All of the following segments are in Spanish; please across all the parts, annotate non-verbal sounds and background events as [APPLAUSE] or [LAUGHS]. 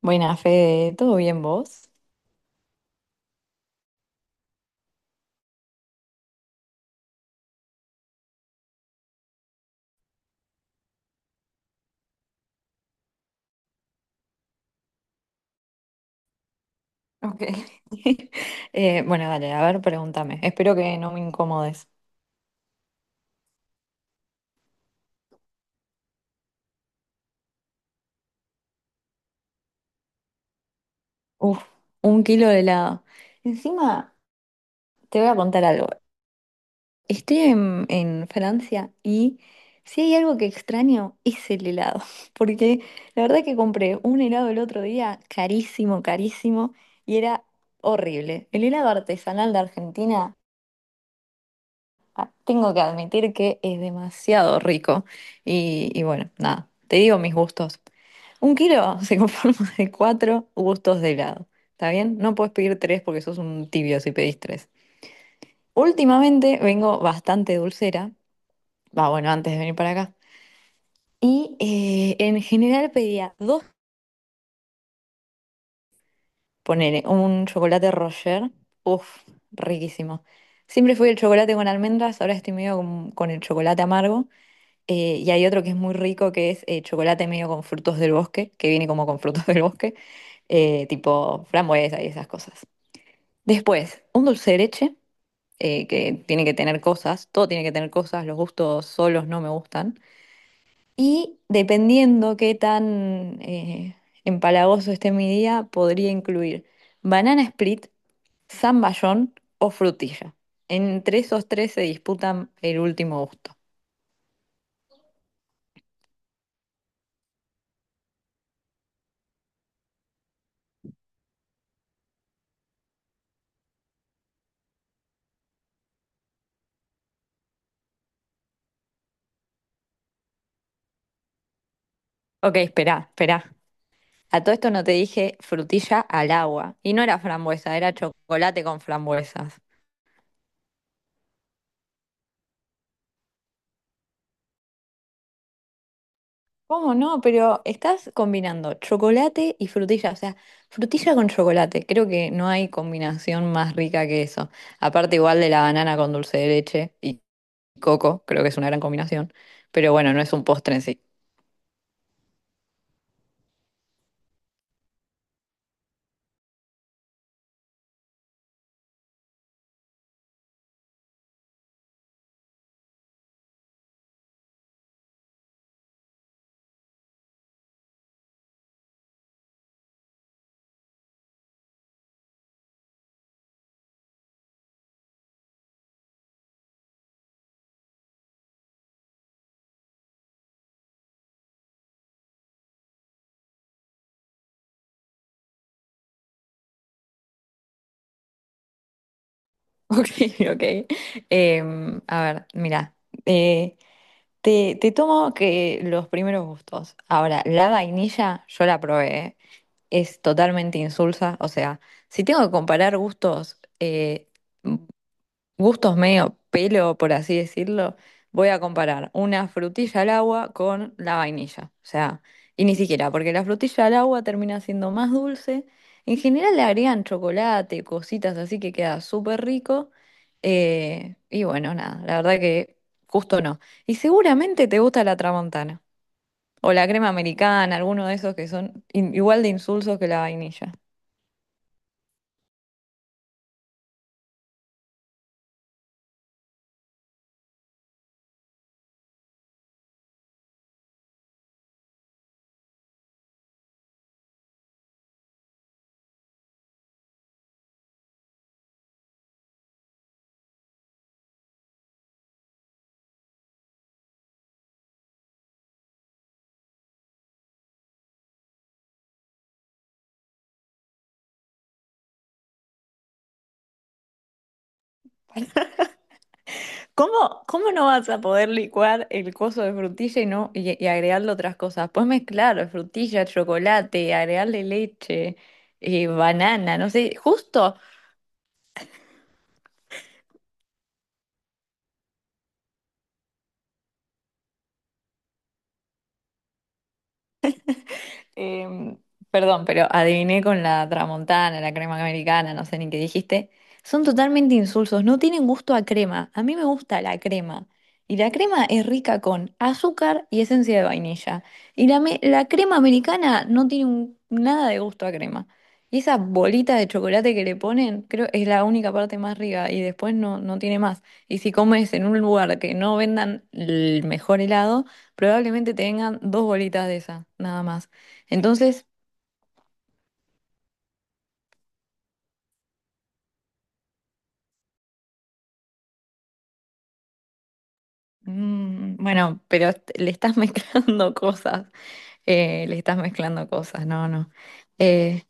Buenas, Fede, ¿todo bien vos? Ok. [LAUGHS] Bueno, dale, a ver, pregúntame. Espero que no me incomodes. Uf, un kilo de helado. Encima, te voy a contar algo. Estoy en Francia y si hay algo que extraño es el helado. [LAUGHS] Porque la verdad que compré un helado el otro día, carísimo, carísimo, y era horrible. El helado artesanal de Argentina. Tengo que admitir que es demasiado rico. Y bueno, nada, te digo mis gustos. Un kilo [LAUGHS] se conforma de cuatro gustos de helado. ¿Está bien? No puedes pedir tres porque sos un tibio si pedís tres. Últimamente vengo bastante dulcera. Va, bueno, antes de venir para acá. Y en general pedía dos. Ponele un chocolate Roger. Uf, riquísimo. Siempre fui el chocolate con almendras, ahora estoy medio con el chocolate amargo. Y hay otro que es muy rico, que es chocolate medio con frutos del bosque, que viene como con frutos del bosque, tipo frambuesa y esas cosas. Después, un dulce de leche, que tiene que tener cosas, todo tiene que tener cosas, los gustos solos no me gustan. Y dependiendo qué tan empalagoso esté mi día, podría incluir banana split, zamballón o frutilla. Entre esos tres se disputan el último gusto. Ok, espera, espera. A todo esto no te dije frutilla al agua. Y no era frambuesa, era chocolate con frambuesas. ¿Cómo no? Pero estás combinando chocolate y frutilla. O sea, frutilla con chocolate. Creo que no hay combinación más rica que eso. Aparte igual de la banana con dulce de leche y coco, creo que es una gran combinación. Pero bueno, no es un postre en sí. [LAUGHS] Ok, ok. Em, a ver, mira. Eh, te tomo que los primeros gustos. Ahora, la vainilla yo la probé, ¿eh? Es totalmente insulsa. O sea, si tengo que comparar gustos, gustos medio pelo, por así decirlo, voy a comparar una frutilla al agua con la vainilla. O sea, y ni siquiera, porque la frutilla al agua termina siendo más dulce. En general le agregan chocolate, cositas así que queda súper rico. Y bueno, nada, la verdad que justo no. Y seguramente te gusta la tramontana. O la crema americana, alguno de esos que son igual de insulsos que la vainilla. ¿Cómo, cómo no vas a poder licuar el coso de frutilla y no y agregarle otras cosas? Puedes mezclar frutilla, chocolate, agregarle leche, banana, no sé, justo. Em, Perdón, pero adiviné con la tramontana, la crema americana, no sé ni qué dijiste. Son totalmente insulsos, no tienen gusto a crema. A mí me gusta la crema. Y la crema es rica con azúcar y esencia de vainilla. Y la crema americana no tiene nada de gusto a crema. Y esa bolita de chocolate que le ponen, creo es la única parte más rica y después no, no tiene más. Y si comes en un lugar que no vendan el mejor helado, probablemente te vengan dos bolitas de esa, nada más. Entonces, bueno, pero le estás [LAUGHS] mezclando cosas, le estás mezclando cosas, no, no. Eh,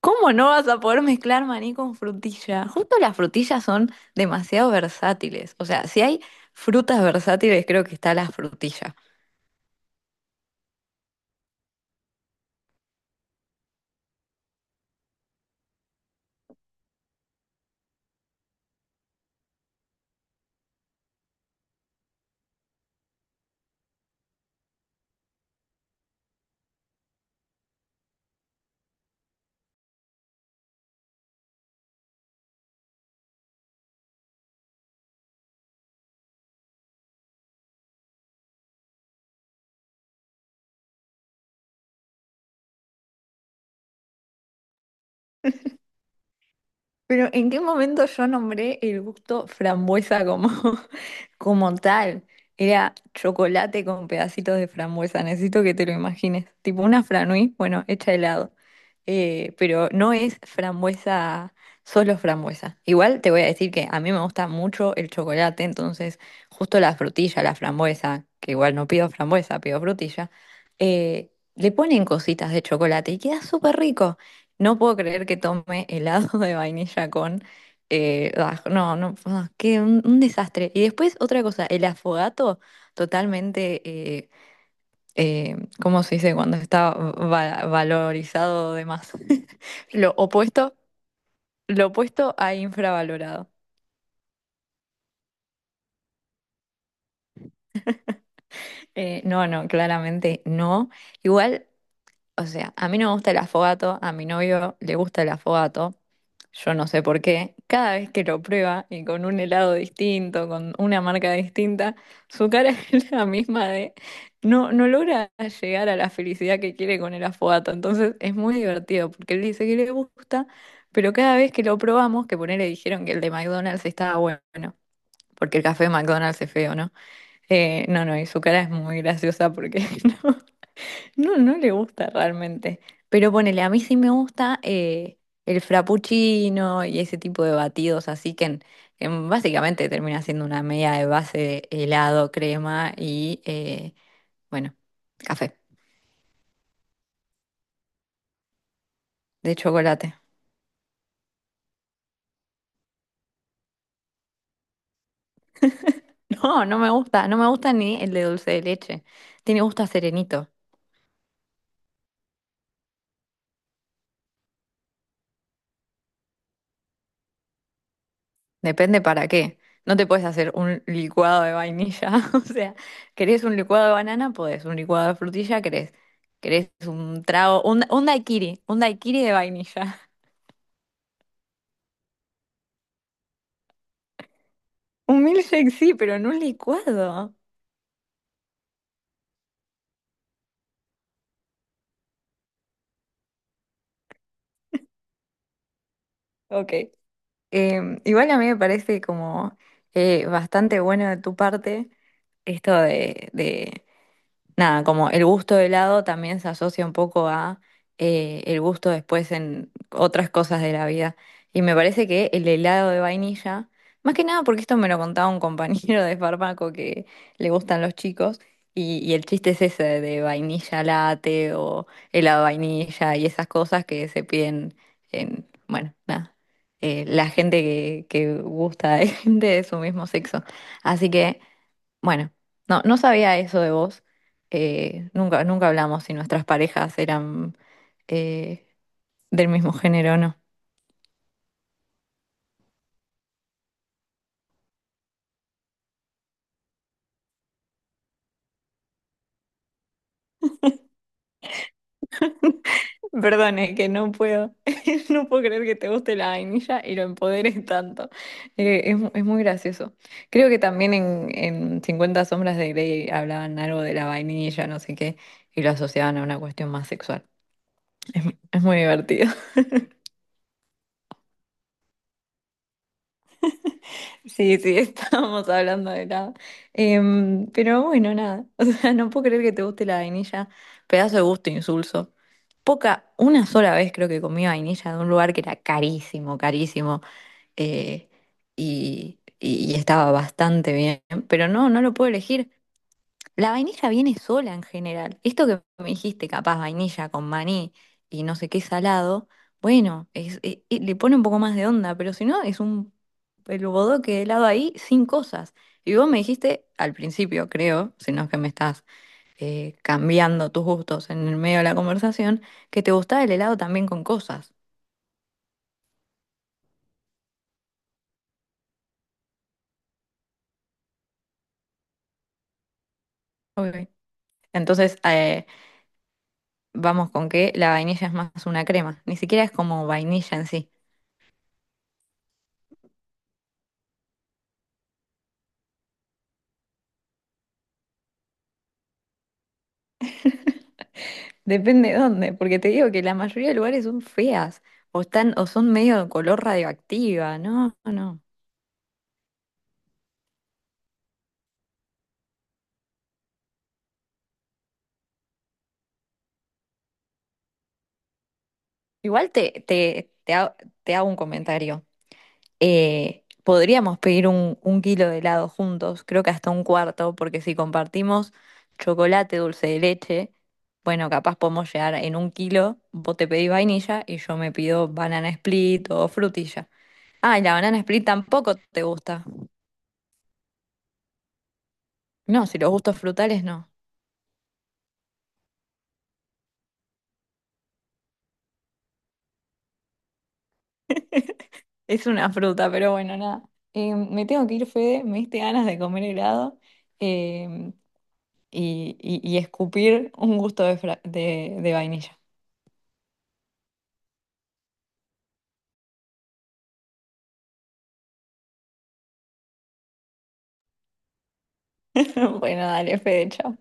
¿Cómo no vas a poder mezclar maní con frutilla? Justo las frutillas son demasiado versátiles, o sea, si hay frutas versátiles, creo que está la frutilla. Pero ¿en qué momento yo nombré el gusto frambuesa como, [LAUGHS] como tal? Era chocolate con pedacitos de frambuesa, necesito que te lo imagines. Tipo una franui, bueno, hecha de helado. Pero no es frambuesa, solo frambuesa. Igual te voy a decir que a mí me gusta mucho el chocolate, entonces justo la frutilla, la frambuesa, que igual no pido frambuesa, pido frutilla, le ponen cositas de chocolate y queda súper rico. No puedo creer que tome helado de vainilla con... no, no, ah, qué un desastre. Y después otra cosa, el afogato totalmente, eh, eh, ¿cómo se dice? Cuando está valorizado de más. [LAUGHS] Lo opuesto, lo opuesto a infravalorado. No, no, claramente no. Igual, o sea, a mí no me gusta el afogato, a mi novio le gusta el afogato, yo no sé por qué. Cada vez que lo prueba y con un helado distinto, con una marca distinta, su cara [LAUGHS] es la misma de no, no logra llegar a la felicidad que quiere con el afogato. Entonces es muy divertido porque él dice que le gusta, pero cada vez que lo probamos, que por él le dijeron que el de McDonald's estaba bueno, porque el café de McDonald's es feo, ¿no? No, no, y su cara es muy graciosa porque [LAUGHS] no. No, no le gusta realmente. Pero ponele, a mí sí me gusta el frappuccino y ese tipo de batidos, así que en básicamente termina siendo una media de base de helado, crema y, bueno, café de chocolate. [LAUGHS] No, no me gusta, no me gusta ni el de dulce de leche. Tiene gusto a serenito. Depende para qué. No te puedes hacer un licuado de vainilla. [LAUGHS] O sea, ¿querés un licuado de banana? Podés. Un licuado de frutilla, querés. ¿Querés un trago? Un daiquiri. Un daiquiri de vainilla. [LAUGHS] Un milkshake sí, pero en un licuado. Ok. Igual a mí me parece como bastante bueno de tu parte esto de nada, como el gusto de helado también se asocia un poco a el gusto después en otras cosas de la vida. Y me parece que el helado de vainilla, más que nada porque esto me lo contaba un compañero de fármaco que le gustan los chicos, y el chiste es ese de vainilla latte o helado de vainilla y esas cosas que se piden en, bueno, nada, la gente que gusta de [LAUGHS] gente de su mismo sexo. Así que... Bueno, no, no sabía eso de vos. Nunca, nunca hablamos si nuestras parejas eran eh, del mismo género o no. Perdón, es que no puedo, [LAUGHS] no puedo creer que te guste la vainilla y lo empoderes tanto. Es muy gracioso. Creo que también en 50 sombras de Grey hablaban algo de la vainilla, no sé qué, y lo asociaban a una cuestión más sexual. Es, es muy divertido. Sí, sí, [LAUGHS] estábamos hablando de helado. Em, pero bueno, nada. [LAUGHS] O sea, no puedo creer que te guste la vainilla. Pedazo de gusto insulso. Poca, una sola vez creo que comí vainilla de un lugar que era carísimo, carísimo. eh, y, y estaba bastante bien. Pero no, no lo puedo elegir. La vainilla viene sola en general. Esto que me dijiste, capaz vainilla con maní y no sé qué salado, bueno, le pone un poco más de onda, pero si no, es un el bodoque de helado ahí sin cosas. Y vos me dijiste al principio, creo, si no es que me estás cambiando tus gustos en el medio de la conversación, que te gustaba el helado también con cosas. Ok. Entonces, vamos con que la vainilla es más una crema, ni siquiera es como vainilla en sí. Depende de dónde, porque te digo que la mayoría de lugares son feas o están o son medio de color radioactiva, no, no, no. Igual te hago un comentario. Podríamos pedir un kilo de helado juntos, creo que hasta un cuarto, porque si compartimos chocolate, dulce de leche, bueno, capaz podemos llegar en un kilo, vos te pedís vainilla y yo me pido banana split o frutilla. Ah, y la banana split tampoco te gusta. No, si los gustos frutales no. Es una fruta, pero bueno, nada. Me tengo que ir, Fede. Me diste ganas de comer helado eh, y escupir un gusto de, de vainilla. [LAUGHS] Bueno, dale, Fede, chao.